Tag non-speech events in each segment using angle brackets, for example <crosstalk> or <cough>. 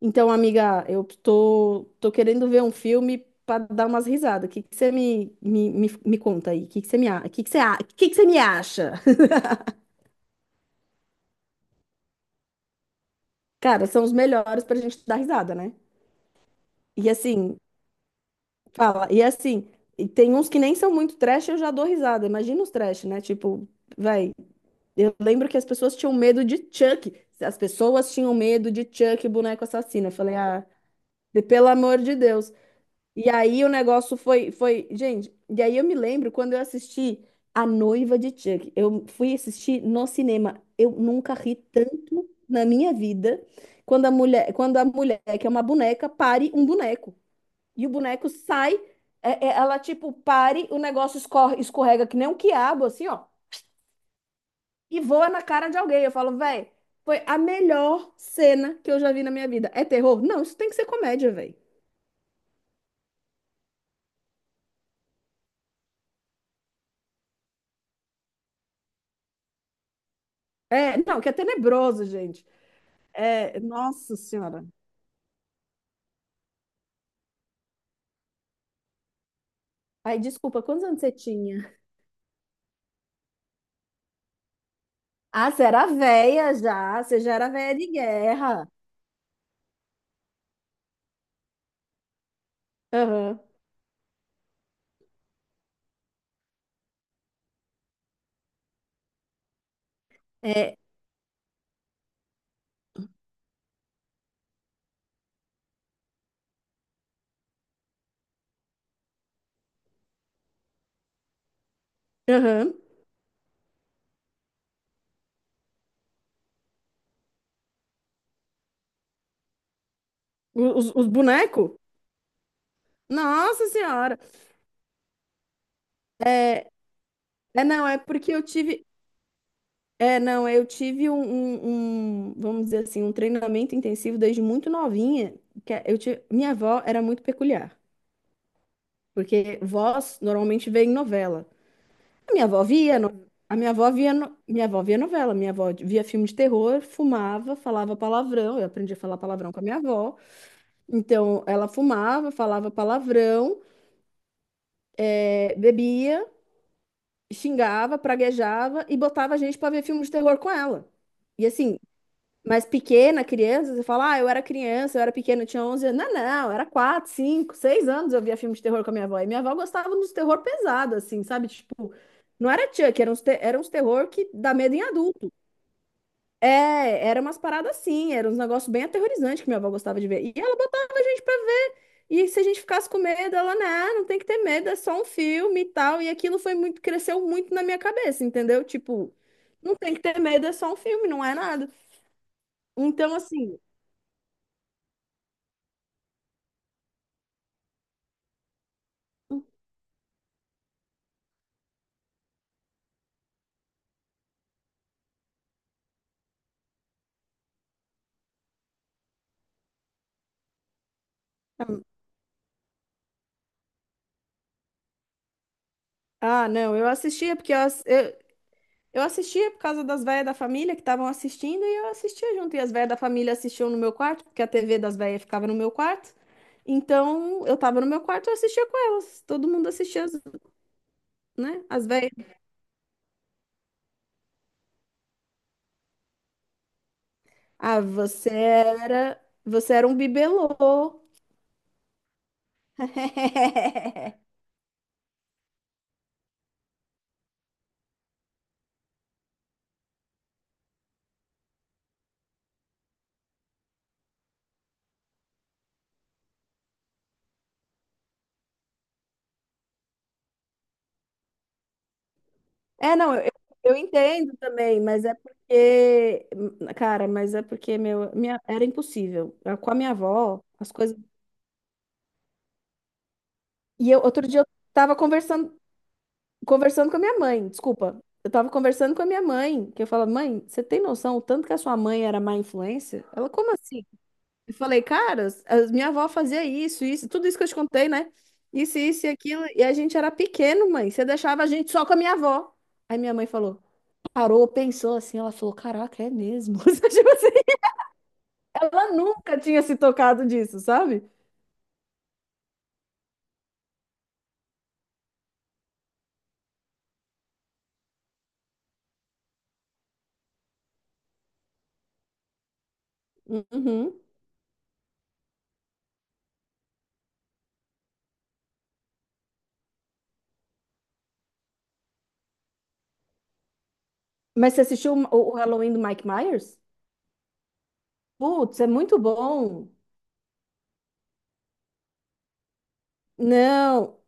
Então, amiga, eu tô querendo ver um filme para dar umas risadas. O que que você me conta aí? O que que você me, a- o que que você, a- o que que você me acha? Cara, são os melhores pra gente dar risada, né? E assim, fala, e assim, e tem uns que nem são muito trash, eu já dou risada. Imagina os trash, né? Tipo, vai, eu lembro que as pessoas tinham medo de Chuck. As pessoas tinham medo de Chuck, boneco assassino. Eu falei, ah, de pelo amor de Deus. E aí o negócio foi, gente, e aí eu me lembro quando eu assisti A Noiva de Chuck. Eu fui assistir no cinema. Eu nunca ri tanto na minha vida quando a mulher que é uma boneca pare um boneco. E o boneco sai, ela tipo pare, o negócio escorre, escorrega que nem um quiabo assim, ó, e voa na cara de alguém. Eu falo, velho, foi a melhor cena que eu já vi na minha vida. É terror? Não, isso tem que ser comédia, velho. É, não, que é tenebroso, gente. É, nossa senhora. Ai, desculpa, quantos anos você tinha? Ah, você era velha já, você já era velha de guerra. Aham. É, aham. Os bonecos? Nossa senhora. É, não, é porque eu tive. É, não, eu tive um, vamos dizer assim, um treinamento intensivo desde muito novinha. Que é, eu tive, minha avó era muito peculiar, porque vós normalmente vê em novela. A minha avó via, a minha avó via, minha avó via novela, minha avó via filme de terror, fumava, falava palavrão. Eu aprendi a falar palavrão com a minha avó. Então, ela fumava, falava palavrão, bebia, xingava, praguejava e botava a gente para ver filme de terror com ela. E assim, mas pequena, criança, você fala, ah, eu era criança, eu era pequena, eu tinha 11 anos. Não, não, eu era 4 5 6 anos eu via filme de terror com a minha avó. E minha avó gostava dos terror pesado, assim, sabe? Tipo, não era Chuck, era uns, era uns terror que dá medo em adulto. É, era umas paradas assim, era uns negócios bem aterrorizantes que minha avó gostava de ver. E ela botava a gente pra ver. E se a gente ficasse com medo, ela, não, não tem que ter medo, é só um filme e tal. E aquilo foi muito, cresceu muito na minha cabeça, entendeu? Tipo, não tem que ter medo, é só um filme, não é nada. Então, assim, ah, não, eu assistia porque eu assistia por causa das velhas da família que estavam assistindo e eu assistia junto. E as velhas da família assistiam no meu quarto, porque a TV das velhas ficava no meu quarto. Então, eu tava no meu quarto e eu assistia com elas. Todo mundo assistia né? As velhas. Ah, você era. Você era um bibelô. <laughs> É, não, eu entendo também, mas é porque. Cara, mas é porque era impossível. Com a minha avó, as coisas. E eu, outro dia eu tava conversando, conversando com a minha mãe, desculpa. Eu tava conversando com a minha mãe, que eu falo, mãe, você tem noção o tanto que a sua mãe era má influência? Ela, como assim? E falei, cara, minha avó fazia isso, isso, tudo isso que eu te contei, né? Isso e aquilo. E a gente era pequeno, mãe. Você deixava a gente só com a minha avó. Aí minha mãe falou, parou, pensou assim. Ela falou, caraca, é mesmo. <laughs> Tipo assim, ela nunca tinha se tocado disso, sabe? Uhum. Mas você assistiu o Halloween do Mike Myers? Putz, é muito bom. Não,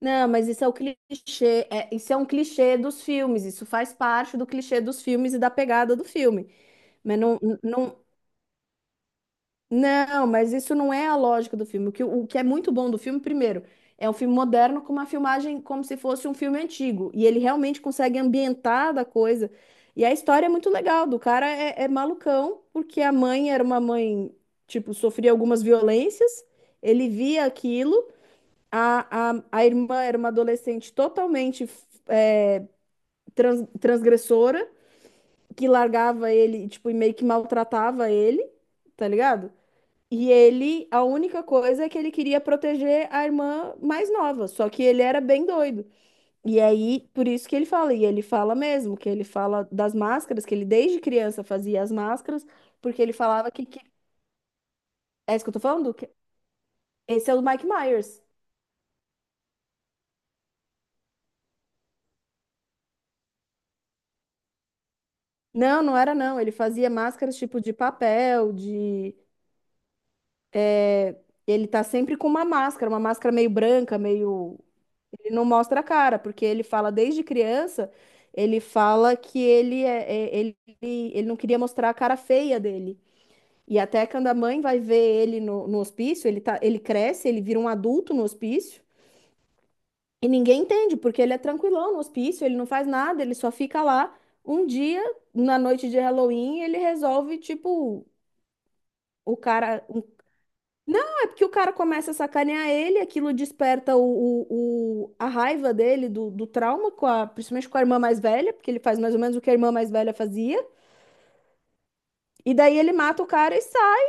não, mas isso é o clichê. Isso é um clichê dos filmes. Isso faz parte do clichê dos filmes e da pegada do filme. Mas não, não, Não, mas isso não é a lógica do filme. O que é muito bom do filme, primeiro, é um filme moderno com uma filmagem como se fosse um filme antigo. E ele realmente consegue ambientar da coisa. E a história é muito legal, do cara é, é malucão, porque a mãe era uma mãe, tipo, sofria algumas violências, ele via aquilo, a irmã era uma adolescente totalmente transgressora, que largava ele, tipo, e meio que maltratava ele, tá ligado? E ele, a única coisa é que ele queria proteger a irmã mais nova, só que ele era bem doido. E aí, por isso que ele fala, e ele fala mesmo, que ele fala das máscaras, que ele desde criança fazia as máscaras, porque ele falava que... É isso que eu tô falando? Esse é o Mike Myers. Não, não era não, ele fazia máscaras tipo de papel, de... é, Ele tá sempre com uma máscara meio branca, meio... Ele não mostra a cara, porque ele fala desde criança, ele fala que ele, é, é- ele não queria mostrar a cara feia dele. E até quando a mãe vai ver ele no, no hospício, ele tá, ele cresce, ele vira um adulto no hospício, e ninguém entende, porque ele é tranquilão no hospício, ele não faz nada, ele só fica lá. Um dia, na noite de Halloween, ele resolve, tipo, o cara, um... Não, é porque o cara começa a sacanear ele, aquilo desperta a raiva dele, do, do trauma, principalmente com a irmã mais velha, porque ele faz mais ou menos o que a irmã mais velha fazia. E daí ele mata o cara e sai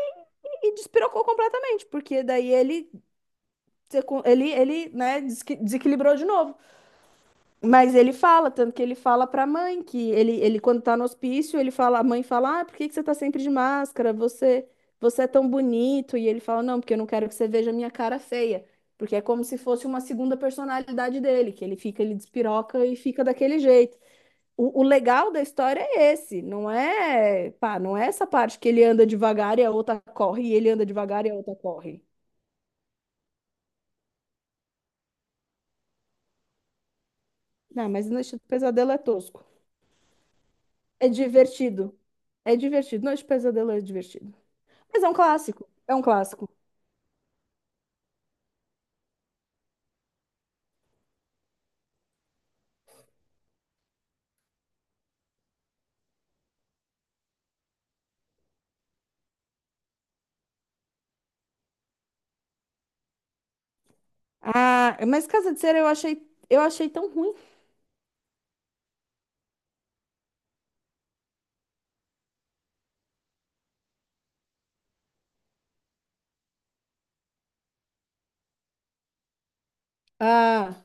e despirocou completamente, porque daí ele, né, desequilibrou de novo. Mas ele fala, tanto que ele fala pra mãe que ele quando tá no hospício, ele fala, a mãe fala: "Ah, por que que você tá sempre de máscara? Você é tão bonito". E ele fala: "Não, porque eu não quero que você veja a minha cara feia". Porque é como se fosse uma segunda personalidade dele, que ele fica, ele despiroca e fica daquele jeito. O legal da história é esse, não é, pá, não é essa parte que ele anda devagar e a outra corre, e ele anda devagar e a outra corre. Não, mas Noite do Pesadelo é tosco. É divertido. É divertido. Noite do Pesadelo é divertido. Mas é um clássico. É um clássico. Ah, mas Casa de Cera eu achei tão ruim. Ah,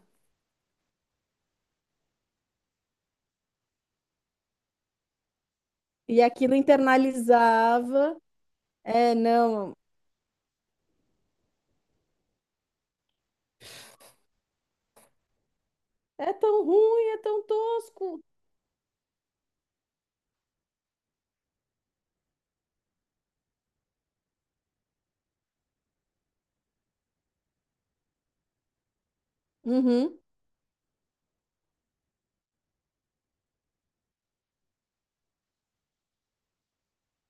e aquilo internalizava. É, não. É tão ruim, é tão tosco. Uhum,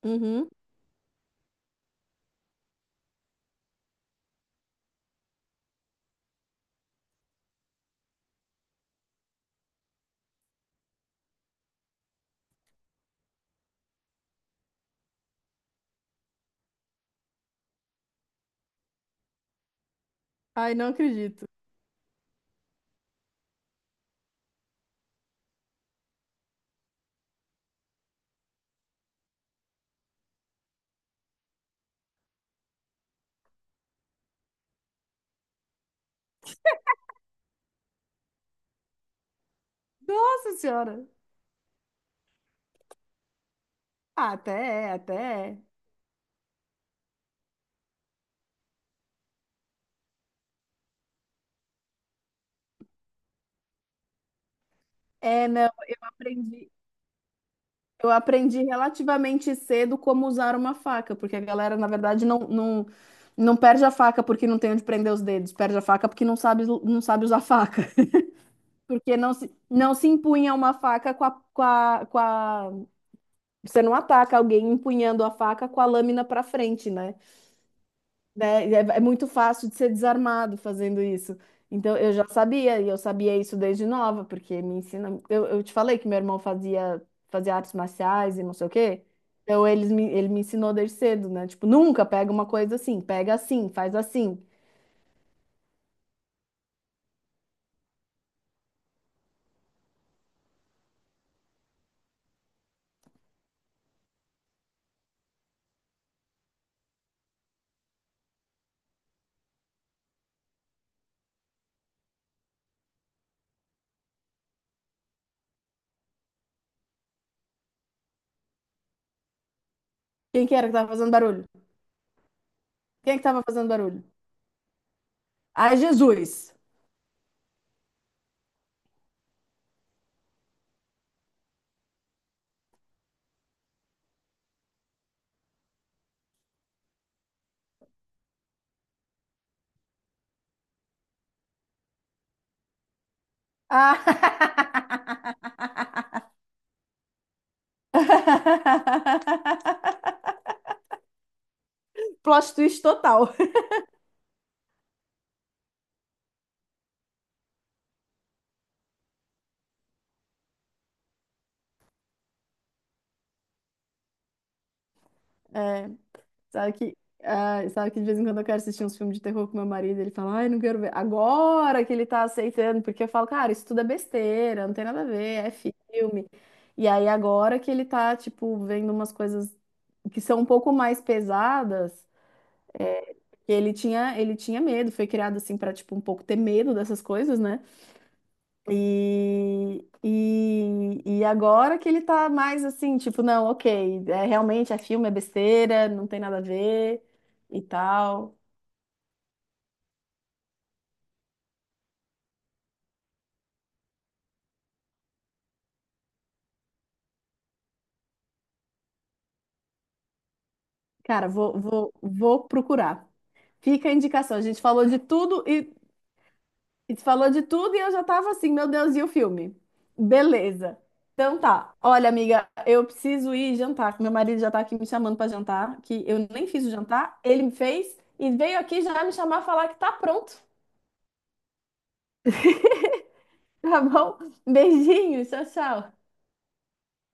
uhum. Ai, não acredito. Nossa senhora. Ah, até é, até é. É, não, eu aprendi, eu aprendi relativamente cedo como usar uma faca, porque a galera, na verdade, não perde a faca porque não tem onde prender os dedos, perde a faca porque não sabe, não sabe usar faca. Porque não se empunha uma faca Você não ataca alguém empunhando a faca com a lâmina para frente, né? Né? É, é muito fácil de ser desarmado fazendo isso. Então, eu já sabia, e eu sabia isso desde nova, porque me ensina. Eu te falei que meu irmão fazia artes marciais e não sei o quê. Então, ele me ensinou desde cedo, né? Tipo, nunca pega uma coisa assim, pega assim, faz assim. Quem que era que tava fazendo barulho? Quem é que tava fazendo barulho? Ai, Jesus! Ah! <laughs> <laughs> Plot twist total. É, sabe que, ah, sabe que de vez em quando eu quero assistir uns filmes de terror com meu marido, ele fala, ai, não quero ver. Agora que ele tá aceitando, porque eu falo, cara, isso tudo é besteira, não tem nada a ver, é filme. E aí agora que ele tá, tipo, vendo umas coisas que são um pouco mais pesadas, é, ele tinha medo, foi criado assim pra, tipo, um pouco ter medo dessas coisas, né? E, e agora que ele tá mais assim, tipo, não, ok, é, realmente é filme, é besteira, não tem nada a ver e tal. Cara, vou procurar. Fica a indicação. A gente falou de tudo e falou de tudo e eu já tava assim, meu Deus, e o filme? Beleza. Então tá. Olha, amiga, eu preciso ir jantar, que meu marido já tá aqui me chamando pra jantar, que eu nem fiz o jantar, ele me fez e veio aqui já me chamar falar que tá pronto. Tá bom? Beijinho, tchau, tchau.